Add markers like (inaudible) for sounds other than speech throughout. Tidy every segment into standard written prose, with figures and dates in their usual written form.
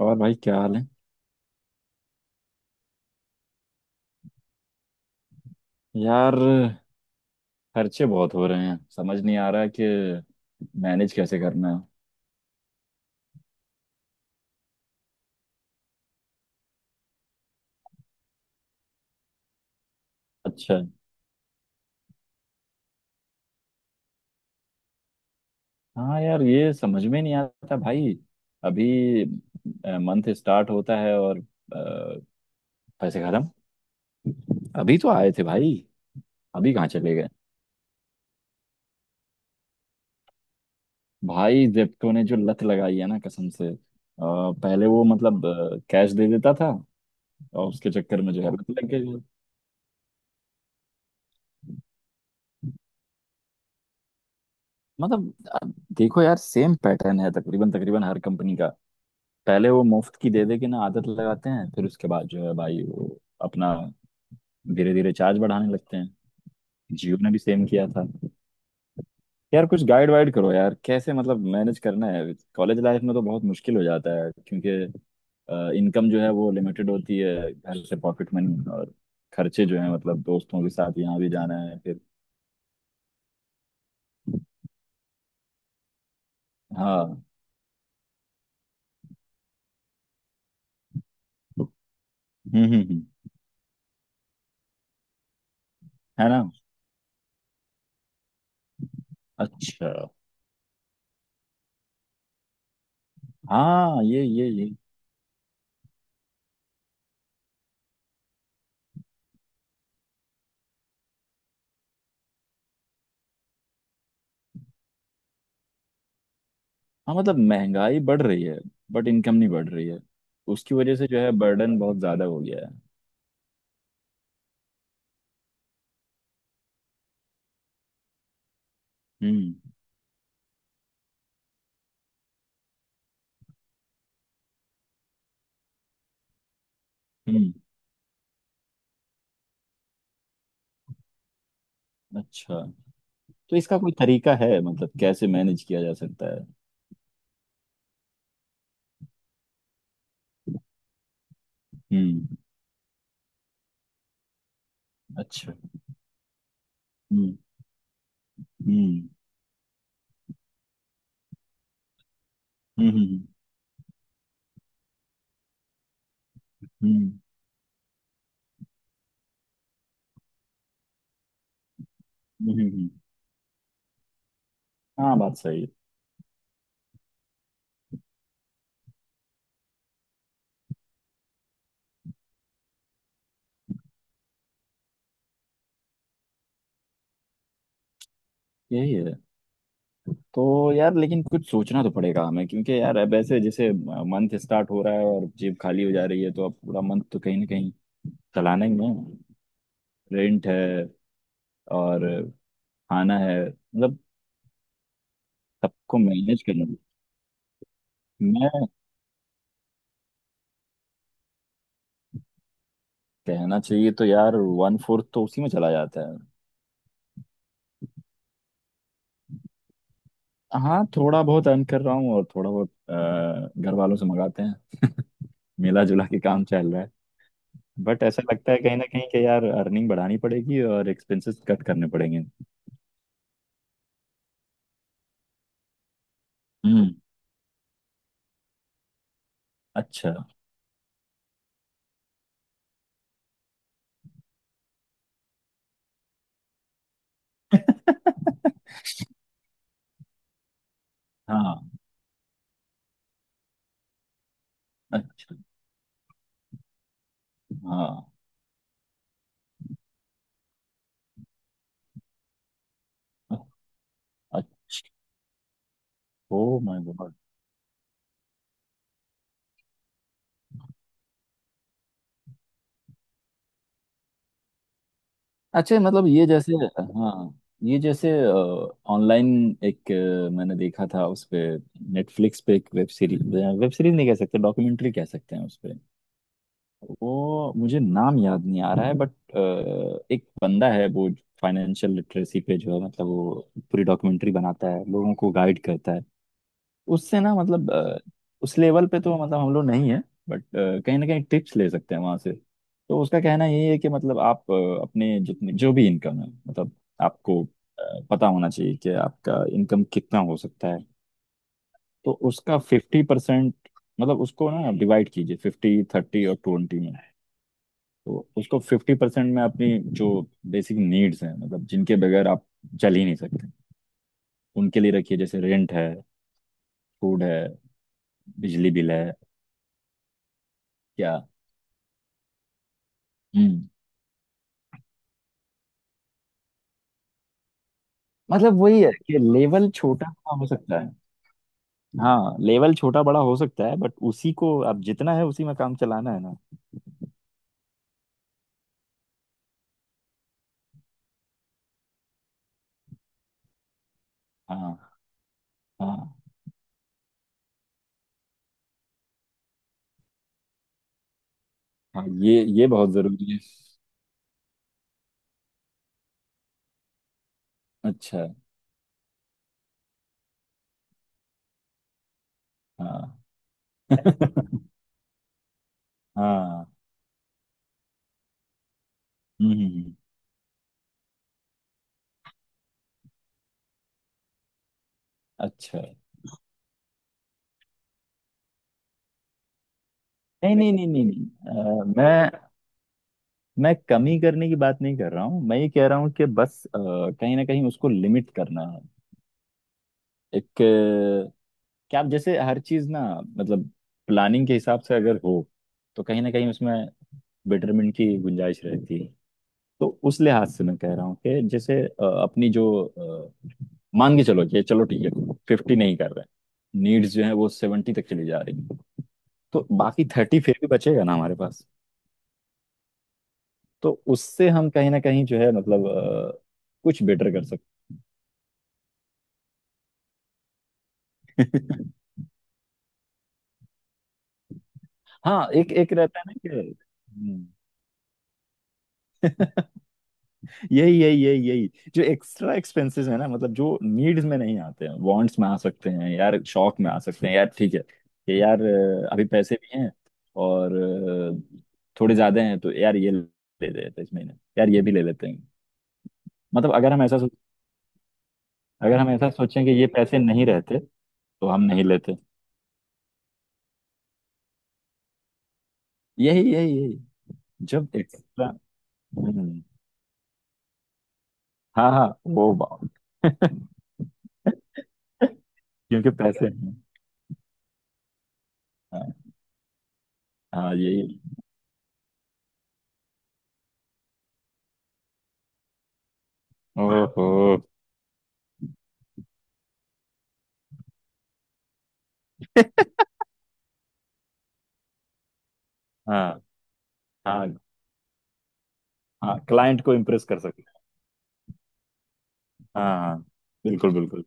और भाई क्या हाल है। यार खर्चे बहुत हो रहे हैं, समझ नहीं आ रहा कि मैनेज कैसे करना है। अच्छा। हाँ यार, ये समझ में नहीं आता भाई। अभी मंथ स्टार्ट होता है और पैसे खत्म। अभी तो आए थे भाई, अभी कहाँ चले गए। भाई, जेप्टो ने जो लत लगाई है ना, कसम से। पहले वो कैश दे देता था और उसके चक्कर में जो है लत लग गई। मतलब अ, देखो यार, सेम पैटर्न है तकरीबन तकरीबन हर कंपनी का। पहले वो मुफ्त की दे दे के ना आदत लगाते हैं, फिर उसके बाद जो है भाई वो अपना धीरे धीरे चार्ज बढ़ाने लगते हैं। जियो ने भी सेम किया था। यार कुछ गाइड वाइड करो यार, कैसे मतलब मैनेज करना है। कॉलेज लाइफ में तो बहुत मुश्किल हो जाता है क्योंकि इनकम जो है वो लिमिटेड होती है, घर से पॉकेट मनी, और खर्चे जो है मतलब दोस्तों के साथ यहाँ भी जाना है फिर। हाँ। हम्म हम्म हम्म, है ना। अच्छा। हाँ ये ये। हाँ मतलब महंगाई बढ़ रही है बट इनकम नहीं बढ़ रही है। उसकी वजह से जो है बर्डन बहुत ज्यादा हो गया है। हम्म हम्म अच्छा। तो इसका कोई तरीका है, मतलब कैसे मैनेज किया जा सकता है। हम्म। अच्छा। हम्म हम्म हम्म हम्म हम्म हम्म, हम्म, हाँ बात सही है। यही है। तो यार लेकिन कुछ सोचना तो पड़ेगा हमें, क्योंकि यार अब ऐसे जैसे मंथ स्टार्ट हो रहा है और जेब खाली हो जा रही है, तो अब पूरा मंथ तो कहीं ना कहीं चलाना ही है। रेंट है और खाना है, मतलब सबको मैनेज करना भी। मैं कहना चाहिए तो यार, वन फोर्थ तो उसी में चला जाता है। हाँ थोड़ा बहुत अर्न कर रहा हूँ और थोड़ा बहुत घर वालों से मंगाते हैं। मिला जुला के काम चल रहा है। बट ऐसा लगता है कहीं ना कहीं कि यार अर्निंग बढ़ानी पड़ेगी और एक्सपेंसेस कट करने पड़ेंगे। हम्म। अच्छा। (laughs) हाँ। अच्छा। हाँ। अच्छा। Oh my God. अच्छा मतलब ये जैसे, हाँ, ये जैसे ऑनलाइन एक मैंने देखा था उस पे, नेटफ्लिक्स पे एक वेब सीरीज, वेब सीरीज नहीं कह सकते, डॉक्यूमेंट्री कह सकते हैं उस पे। वो, मुझे नाम याद नहीं आ रहा है बट एक बंदा है वो फाइनेंशियल लिटरेसी पे जो है मतलब वो पूरी डॉक्यूमेंट्री बनाता है, लोगों को गाइड करता है। उससे ना उस लेवल पे तो मतलब हम लोग नहीं है, बट कहीं ना कहीं टिप्स ले सकते हैं वहां से। तो उसका कहना यही है कि मतलब आप अपने जितने जो भी इनकम है, मतलब आपको पता होना चाहिए कि आपका इनकम कितना हो सकता है। तो उसका फिफ्टी परसेंट, मतलब उसको ना डिवाइड कीजिए, फिफ्टी थर्टी और ट्वेंटी में। तो उसको फिफ्टी परसेंट में अपनी जो बेसिक नीड्स हैं, मतलब जिनके बगैर आप चल ही नहीं सकते, उनके लिए रखिए। जैसे रेंट है, फूड है, बिजली बिल है। क्या? मतलब वही है कि लेवल छोटा बड़ा हो सकता है। हाँ लेवल छोटा बड़ा हो सकता है, बट उसी को अब जितना है उसी में काम चलाना है ना। हाँ। हाँ हाँ, ये बहुत जरूरी है। अच्छा। हाँ। (laughs) हाँ। हम्म हम्म, हम्म, अच्छा। नहीं नहीं नहीं नहीं नहीं अ, मैं कमी करने की बात नहीं कर रहा हूँ। मैं ये कह रहा हूँ कि बस कहीं ना कहीं उसको लिमिट करना है। एक क्या आप जैसे हर चीज ना, मतलब प्लानिंग के हिसाब से अगर हो तो कहीं ना कहीं उसमें बेटरमेंट की गुंजाइश रहती है। तो उस लिहाज से मैं कह रहा हूँ कि जैसे अपनी जो अ, मान के चलो कि चलो ठीक है फिफ्टी नहीं कर रहे, नीड्स जो है वो सेवेंटी तक चली जा रही हैं। तो बाकी थर्टी फिर भी बचेगा ना हमारे पास। तो उससे हम कहीं ना कहीं जो है कुछ बेटर कर सकते हैं। (laughs) हाँ, एक एक रहता है ना कि, हम्म। (laughs) यही यही यही यही, जो एक्स्ट्रा एक्सपेंसेस है ना मतलब जो नीड्स में नहीं आते हैं, वांट्स में आ सकते हैं यार, शौक में आ सकते हैं यार। ठीक है कि यार अभी पैसे भी हैं और थोड़े ज्यादा हैं तो यार ये ले लेते हैं इस महीने, यार ये भी ले लेते हैं। मतलब अगर हम ऐसा सोच अगर हम ऐसा सोचें कि ये पैसे नहीं रहते तो हम नहीं लेते। यही यही यही। जब एक्स्ट्रा। हम्म। हाँ हाँ, वो बात। (laughs) क्योंकि पैसे हैं। हाँ। हाँ यही। ओहो। (laughs) हाँ हाँ हाँ, क्लाइंट को इम्प्रेस कर सके। हाँ, हाँ, बिल्कुल बिल्कुल।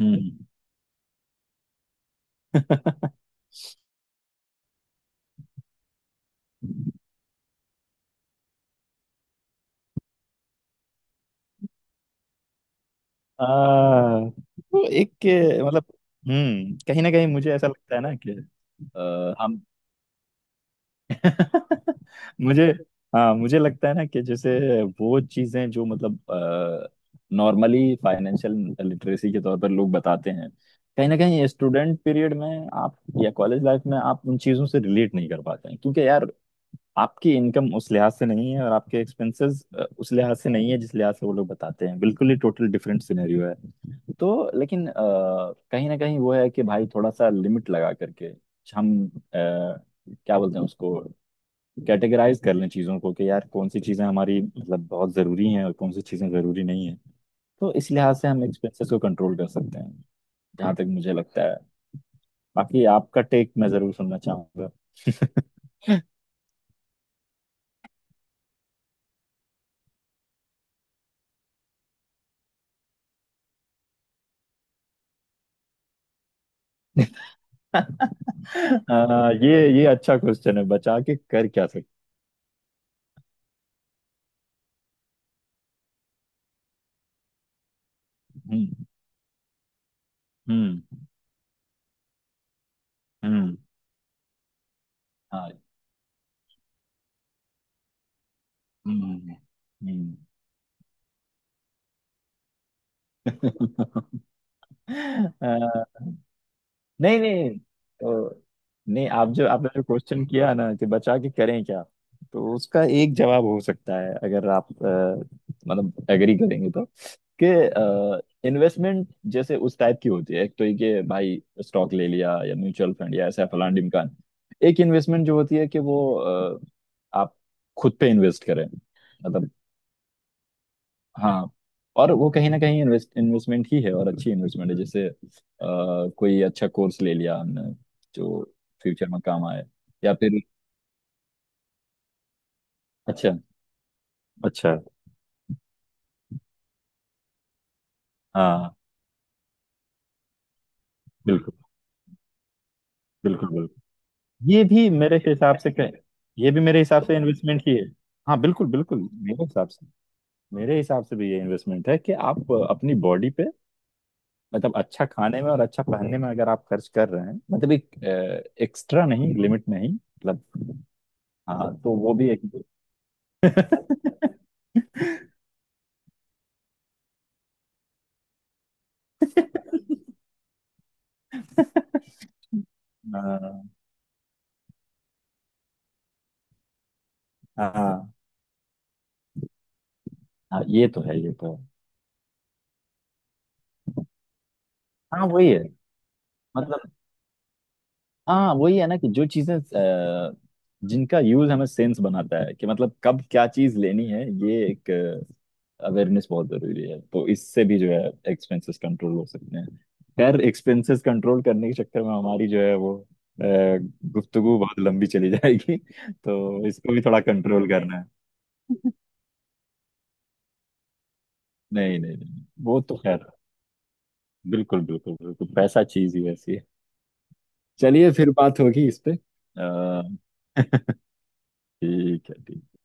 हम्म। (laughs) आ, तो एक के- मतलब। हम्म, कहीं ना कहीं मुझे ऐसा लगता है ना कि, आ, हम (laughs) मुझे, हाँ मुझे लगता है ना कि जैसे वो चीजें जो मतलब नॉर्मली फाइनेंशियल लिटरेसी के तौर पर लोग बताते हैं, कहीं ना कहीं स्टूडेंट पीरियड में आप, या कॉलेज लाइफ में आप उन चीजों से रिलेट नहीं कर पाते हैं, क्योंकि यार आपकी इनकम उस लिहाज से नहीं है और आपके एक्सपेंसेस उस लिहाज से नहीं है जिस लिहाज से वो लोग बताते हैं। बिल्कुल ही टोटल डिफरेंट सिनेरियो है। तो लेकिन कहीं ना कहीं वो है कि भाई थोड़ा सा लिमिट लगा करके हम क्या बोलते हैं उसको, कैटेगराइज कर लें चीज़ों को कि यार कौन सी चीज़ें हमारी मतलब बहुत ज़रूरी हैं और कौन सी चीज़ें ज़रूरी नहीं हैं। तो इस लिहाज से हम एक्सपेंसेस को कंट्रोल कर सकते हैं, जहाँ तक मुझे लगता है। बाकी आपका टेक मैं ज़रूर सुनना चाहूंगा। (laughs) (laughs) ये अच्छा क्वेश्चन है, बचा के कर क्या सकते। हम्म हम्म हम्म हाँ, हम्म हम्म। (laughs) आ, नहीं नहीं तो। नहीं, आप जो आपने जो क्वेश्चन किया ना कि बचा के करें क्या, तो उसका एक जवाब हो सकता है अगर आप मतलब एग्री करेंगे तो, कि इन्वेस्टमेंट जैसे उस टाइप की होती है, एक तो ये कि भाई स्टॉक ले लिया या म्यूचुअल फंड या ऐसा फलान ढिमकान। एक इन्वेस्टमेंट जो होती है कि वो आप खुद पे इन्वेस्ट करें, मतलब। हाँ। और वो कहीं ना कहीं इन्वेस्टमेंट ही है और अच्छी इन्वेस्टमेंट है। जैसे कोई अच्छा कोर्स ले लिया हमने जो फ्यूचर में काम आए। या फिर, अच्छा। अच्छा। हाँ बिल्कुल बिल्कुल बिल्कुल। ये भी मेरे हिसाब से कह-, ये भी मेरे हिसाब से इन्वेस्टमेंट ही है। हाँ बिल्कुल बिल्कुल, मेरे हिसाब से, मेरे हिसाब से भी ये इन्वेस्टमेंट है कि आप अपनी बॉडी पे मतलब अच्छा खाने में और अच्छा पहनने में अगर आप खर्च कर रहे हैं, मतलब एक एक्स्ट्रा नहीं, लिमिट नहीं, मतलब। हाँ तो वो भी एक। हाँ हाँ हाँ, ये तो है ये तो है। हाँ वही है, मतलब। हाँ वही है ना कि जो चीजें जिनका यूज हमें सेंस बनाता है कि मतलब कब क्या चीज लेनी है, ये एक अवेयरनेस बहुत जरूरी है। तो इससे भी जो है एक्सपेंसेस कंट्रोल हो सकते हैं। खैर, एक्सपेंसेस कंट्रोल करने के चक्कर में हमारी जो है वो गुफ्तगू बहुत लंबी चली जाएगी। (laughs) तो इसको भी थोड़ा कंट्रोल करना है। नहीं नहीं नहीं, वो तो खैर बिल्कुल बिल्कुल बिल्कुल, पैसा चीज ही वैसी है। चलिए फिर बात होगी इस पे। अ, ठीक है, ठीक।